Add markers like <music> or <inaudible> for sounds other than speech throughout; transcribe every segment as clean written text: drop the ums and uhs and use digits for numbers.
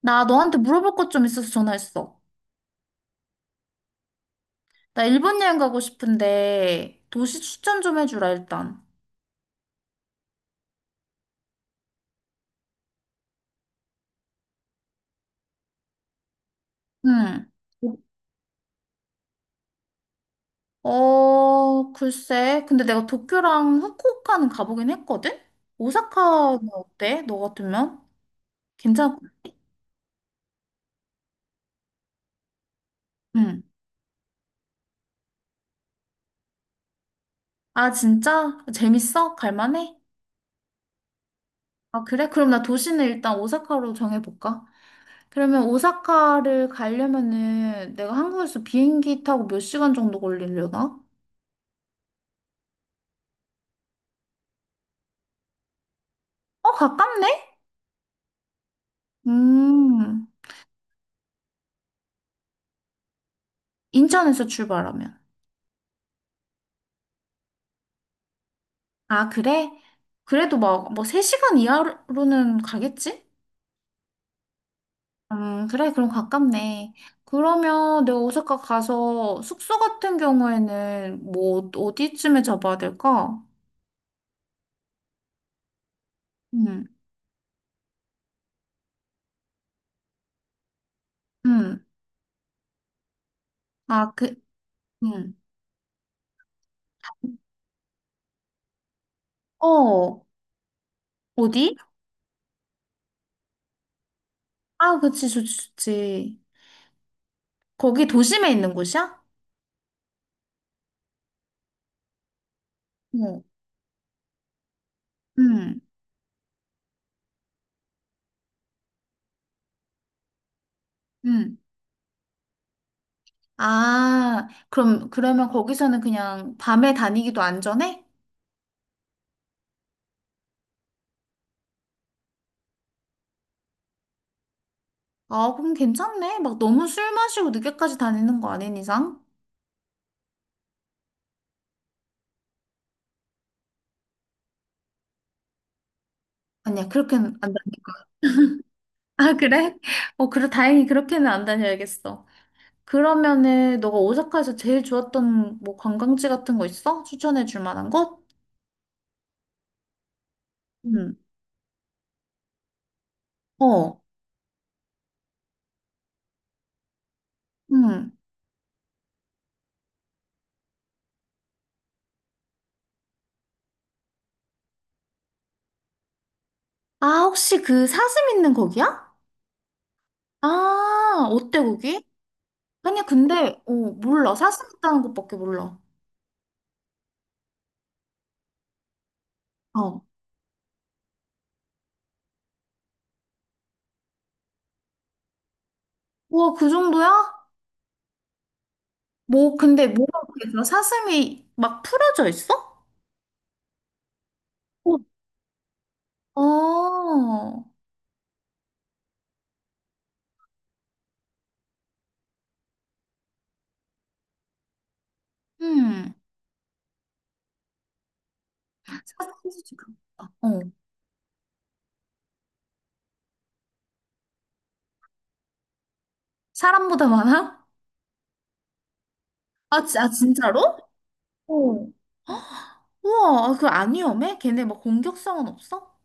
나 너한테 물어볼 것 좀 있어서 전화했어. 나 일본 여행 가고 싶은데 도시 추천 좀 해주라 일단. 응. 글쎄. 근데 내가 도쿄랑 후쿠오카는 가보긴 했거든? 오사카는 어때? 너 같으면? 괜찮아? 응. 아, 진짜? 재밌어? 갈만해? 아, 그래? 그럼 나 도시는 일단 오사카로 정해볼까? 그러면 오사카를 가려면은 내가 한국에서 비행기 타고 몇 시간 정도 걸리려나? 어, 가깝네? 음. 인천에서 출발하면. 아, 그래? 그래도 막, 뭐, 3시간 이하로는 가겠지? 그래, 그럼 가깝네. 그러면 내가 오사카 가서 숙소 같은 경우에는 뭐, 어디쯤에 잡아야 될까? 음, 음. 아, 그, 음. 어, 어디? 아, 그치, 좋지, 좋지. 거기 도심에 있는 곳이야? 어, 음, 음. 아, 그럼, 그러면 거기서는 그냥 밤에 다니기도 안전해? 아, 그럼 괜찮네. 막 너무 술 마시고 늦게까지 다니는 거 아닌 이상? 아니야, 그렇게는 안 다니까. <laughs> 아, 그래? 어, 그래, 다행히 그렇게는 안 다녀야겠어. 그러면은, 너가 오사카에서 제일 좋았던 뭐 관광지 같은 거 있어? 추천해 줄 만한 곳? 응. 어, 응. 아, 혹시 그 사슴 있는 거기야? 아, 어때, 거기? 아니야, 근데, 어, 몰라. 사슴 있다는 것밖에 몰라. 어. 와, 그 정도야? 뭐, 근데 뭐라고 했어? 사슴이 막 풀어져 있어? 어, 음. 사실 지금, 아, 어. 사람보다 많아? 아, 지, 아 진짜로? 어. 우와, 그 안 위험해? 걔네 뭐 공격성은 없어?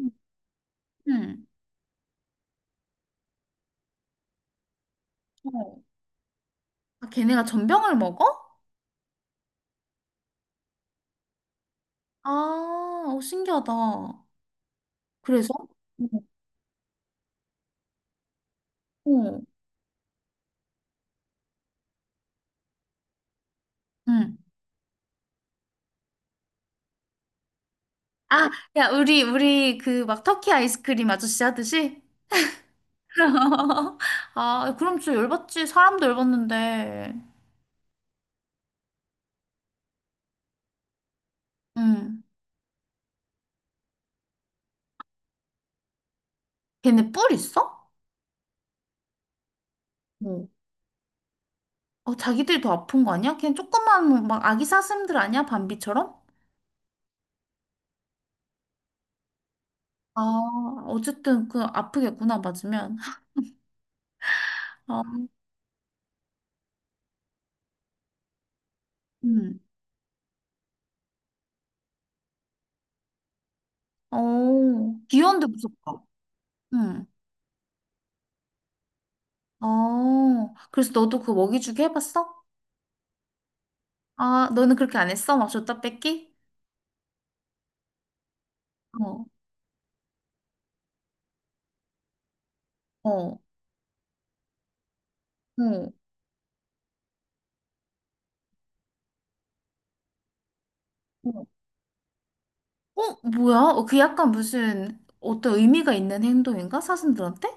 응. 응. 어. 아, 걔네가 전병을 먹어? 아, 어, 신기하다. 그래서? 응. 어. 응. 아, 야, 우리 그 막 터키 아이스크림 아저씨 하듯이? <laughs> 아, 그럼 진짜 열받지. 사람도 열받는데. 응. 걔네 뿔 있어? 어, 자기들이 더 아픈 거 아니야? 그냥 조그만 뭐 막 아기 사슴들 아니야? 밤비처럼? 아, 어쨌든 그 아프겠구나 맞으면. 아, 음. 어, 귀여운데 무섭다. 응. 어, 그래서 너도 그 먹이주기 해봤어? 아, 너는 그렇게 안 했어? 막 줬다 뺏기? 어, 어, 어, 어, 어, 뭐야? 어, 그 약간 무슨 어떤 의미가 있는 행동인가? 사슴들한테?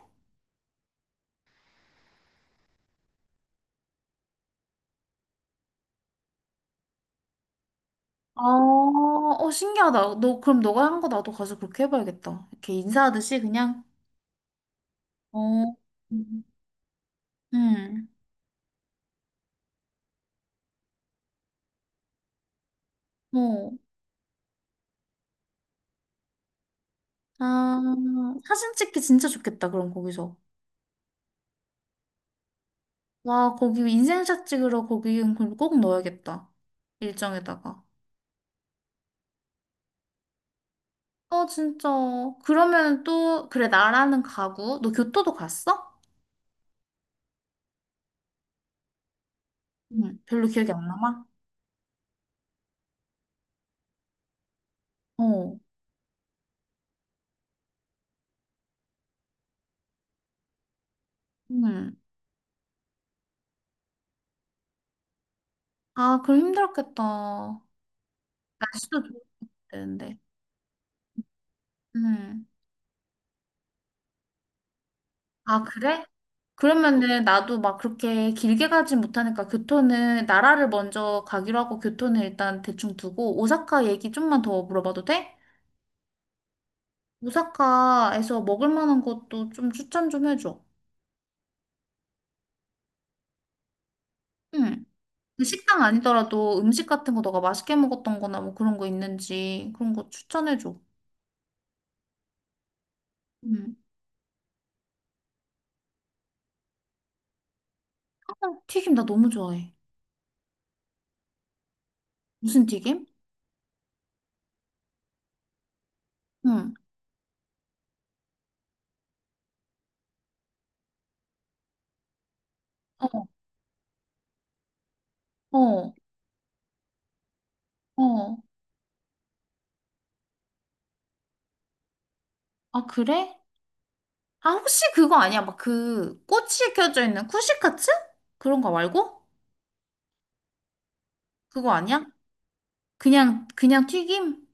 아, 어, 신기하다. 너, 그럼 너가 한 거 나도 가서 그렇게 해봐야겠다. 이렇게 인사하듯이 그냥. 어, 응. 어 아, 사진 찍기 진짜 좋겠다, 그럼 거기서. 와, 거기 인생샷 찍으러 거기 꼭 넣어야겠다. 일정에다가. 어, 진짜. 그러면 또, 그래, 나라는 가구. 너 교토도 갔어? 응, 별로 기억이 안 남아? 어, 응. 아, 그럼 힘들었겠다. 날씨도 좋을 텐데. 응. 아, 그래? 그러면은 나도 막 그렇게 길게 가진 못하니까 교토는 나라를 먼저 가기로 하고 교토는 일단 대충 두고 오사카 얘기 좀만 더 물어봐도 돼? 오사카에서 먹을 만한 것도 좀 추천 좀 해줘. 응. 그 식당 아니더라도 음식 같은 거 너가 맛있게 먹었던 거나 뭐 그런 거 있는지 그런 거 추천해줘. 응. 어, 튀김 나 너무 좋아해. 무슨 튀김? 응. 어, 어, 어. 아, 그래? 아, 혹시 그거 아니야? 막 그 꼬치 켜져 있는 쿠시카츠? 그런 거 말고? 그거 아니야? 그냥, 그냥 튀김?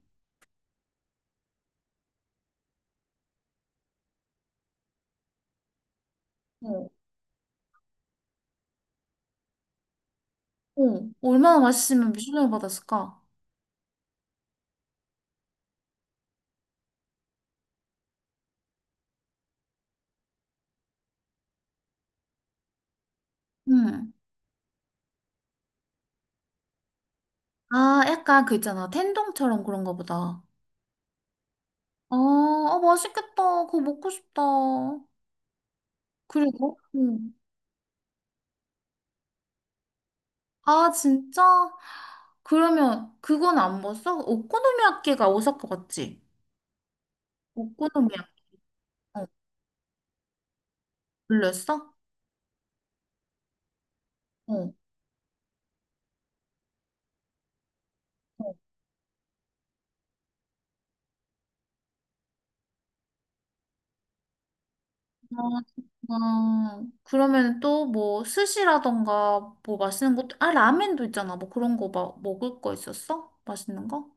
어. 어. 얼마나 맛있으면 미슐랭을 받았을까? 응. 아, 약간 그 있잖아. 텐동처럼 그런 거 보다. 아, 아, 맛있겠다. 그거 먹고 싶다. 그리고? 응. 아, 진짜? 그러면 그건 안 먹었어? 오코노미야끼가 오사카 갔지? 오코노미야끼 어, 불렸어? 어. 어. 아, 아, 그러면 또 뭐 스시라던가 뭐 맛있는 것도, 아, 라면도 있잖아. 뭐 그런 거 막 먹을 거 있었어? 맛있는 거?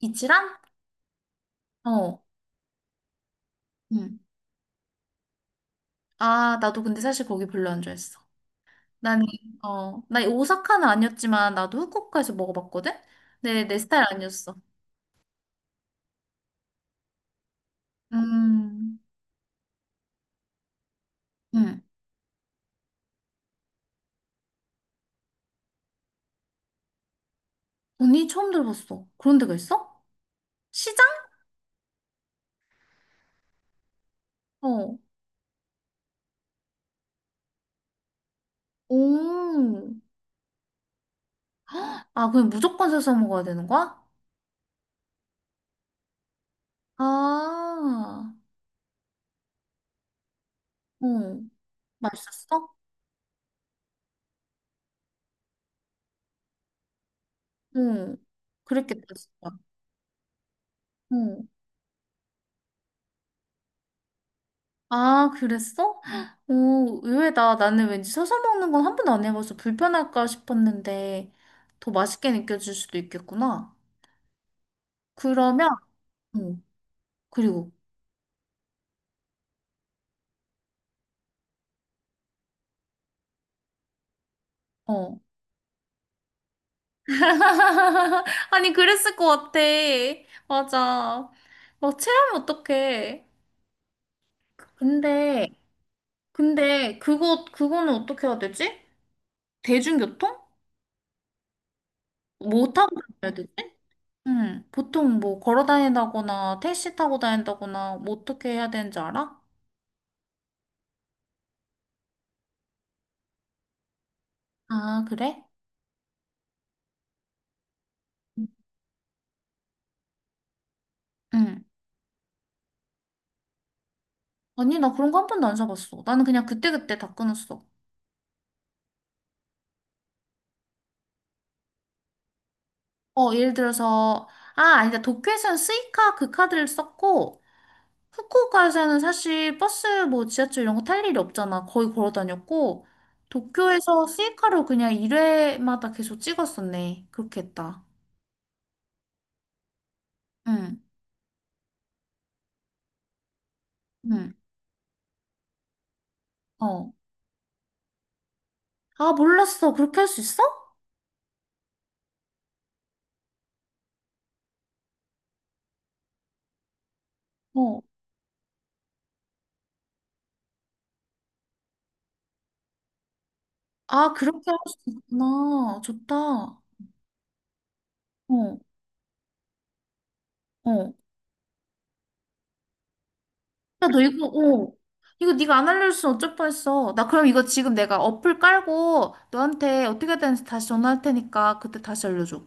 이치란? 어. 응. 아, 나도 근데 사실 거기 별로 안 좋아했어. 나는, 어, 나 오사카는 아니었지만 나도 후쿠오카에서 먹어봤거든? 근데 내 스타일 아니었어. 음, 응. 언니 처음 들어봤어. 그런 데가 있어? 시장? 어. 오. 아, 그냥 무조건 사서 먹어야 되는 거야? 아, 어. 맛있었어? 응. 그랬겠다, 진짜. 응. 아, 그랬어? 오, 의외다. 나는 왠지 서서 먹는 건 한 번도 안 해봐서 불편할까 싶었는데, 더 맛있게 느껴질 수도 있겠구나. 그러면, 응. 그리고, 어. <laughs> 아니, 그랬을 것 같아. 맞아. 막 체하면 어떡해. 근데, 그거는 어떻게 해야 되지? 대중교통? 뭐 타고 다녀야 되지? 응, 보통 뭐 걸어 다닌다거나 택시 타고 다닌다거나 뭐 어떻게 해야 되는지 알아? 아, 그래? 응. 아니, 나 그런 거 한 번도 안 사봤어. 나는 그냥 그때그때 다 끊었어. 어, 예를 들어서, 아, 아니다. 도쿄에서는 스이카 그 카드를 썼고, 후쿠오카에서는 사실 버스 뭐 지하철 이런 거 탈 일이 없잖아. 거의 걸어 다녔고, 도쿄에서 스이카로 그냥 1회마다 계속 찍었었네. 그렇게 했다. 응, 응, 어. 아, 몰랐어. 그렇게 할 수 있어? 어. 아, 그렇게 할 수 있구나. 좋다. 어, 어. 야, 너 이거, 어. 이거 네가 안 알려줬으면 어쩔 뻔했어. 나 그럼 이거 지금 내가 어플 깔고 너한테 어떻게 해야 되는지 다시 전화할 테니까 그때 다시 알려줘.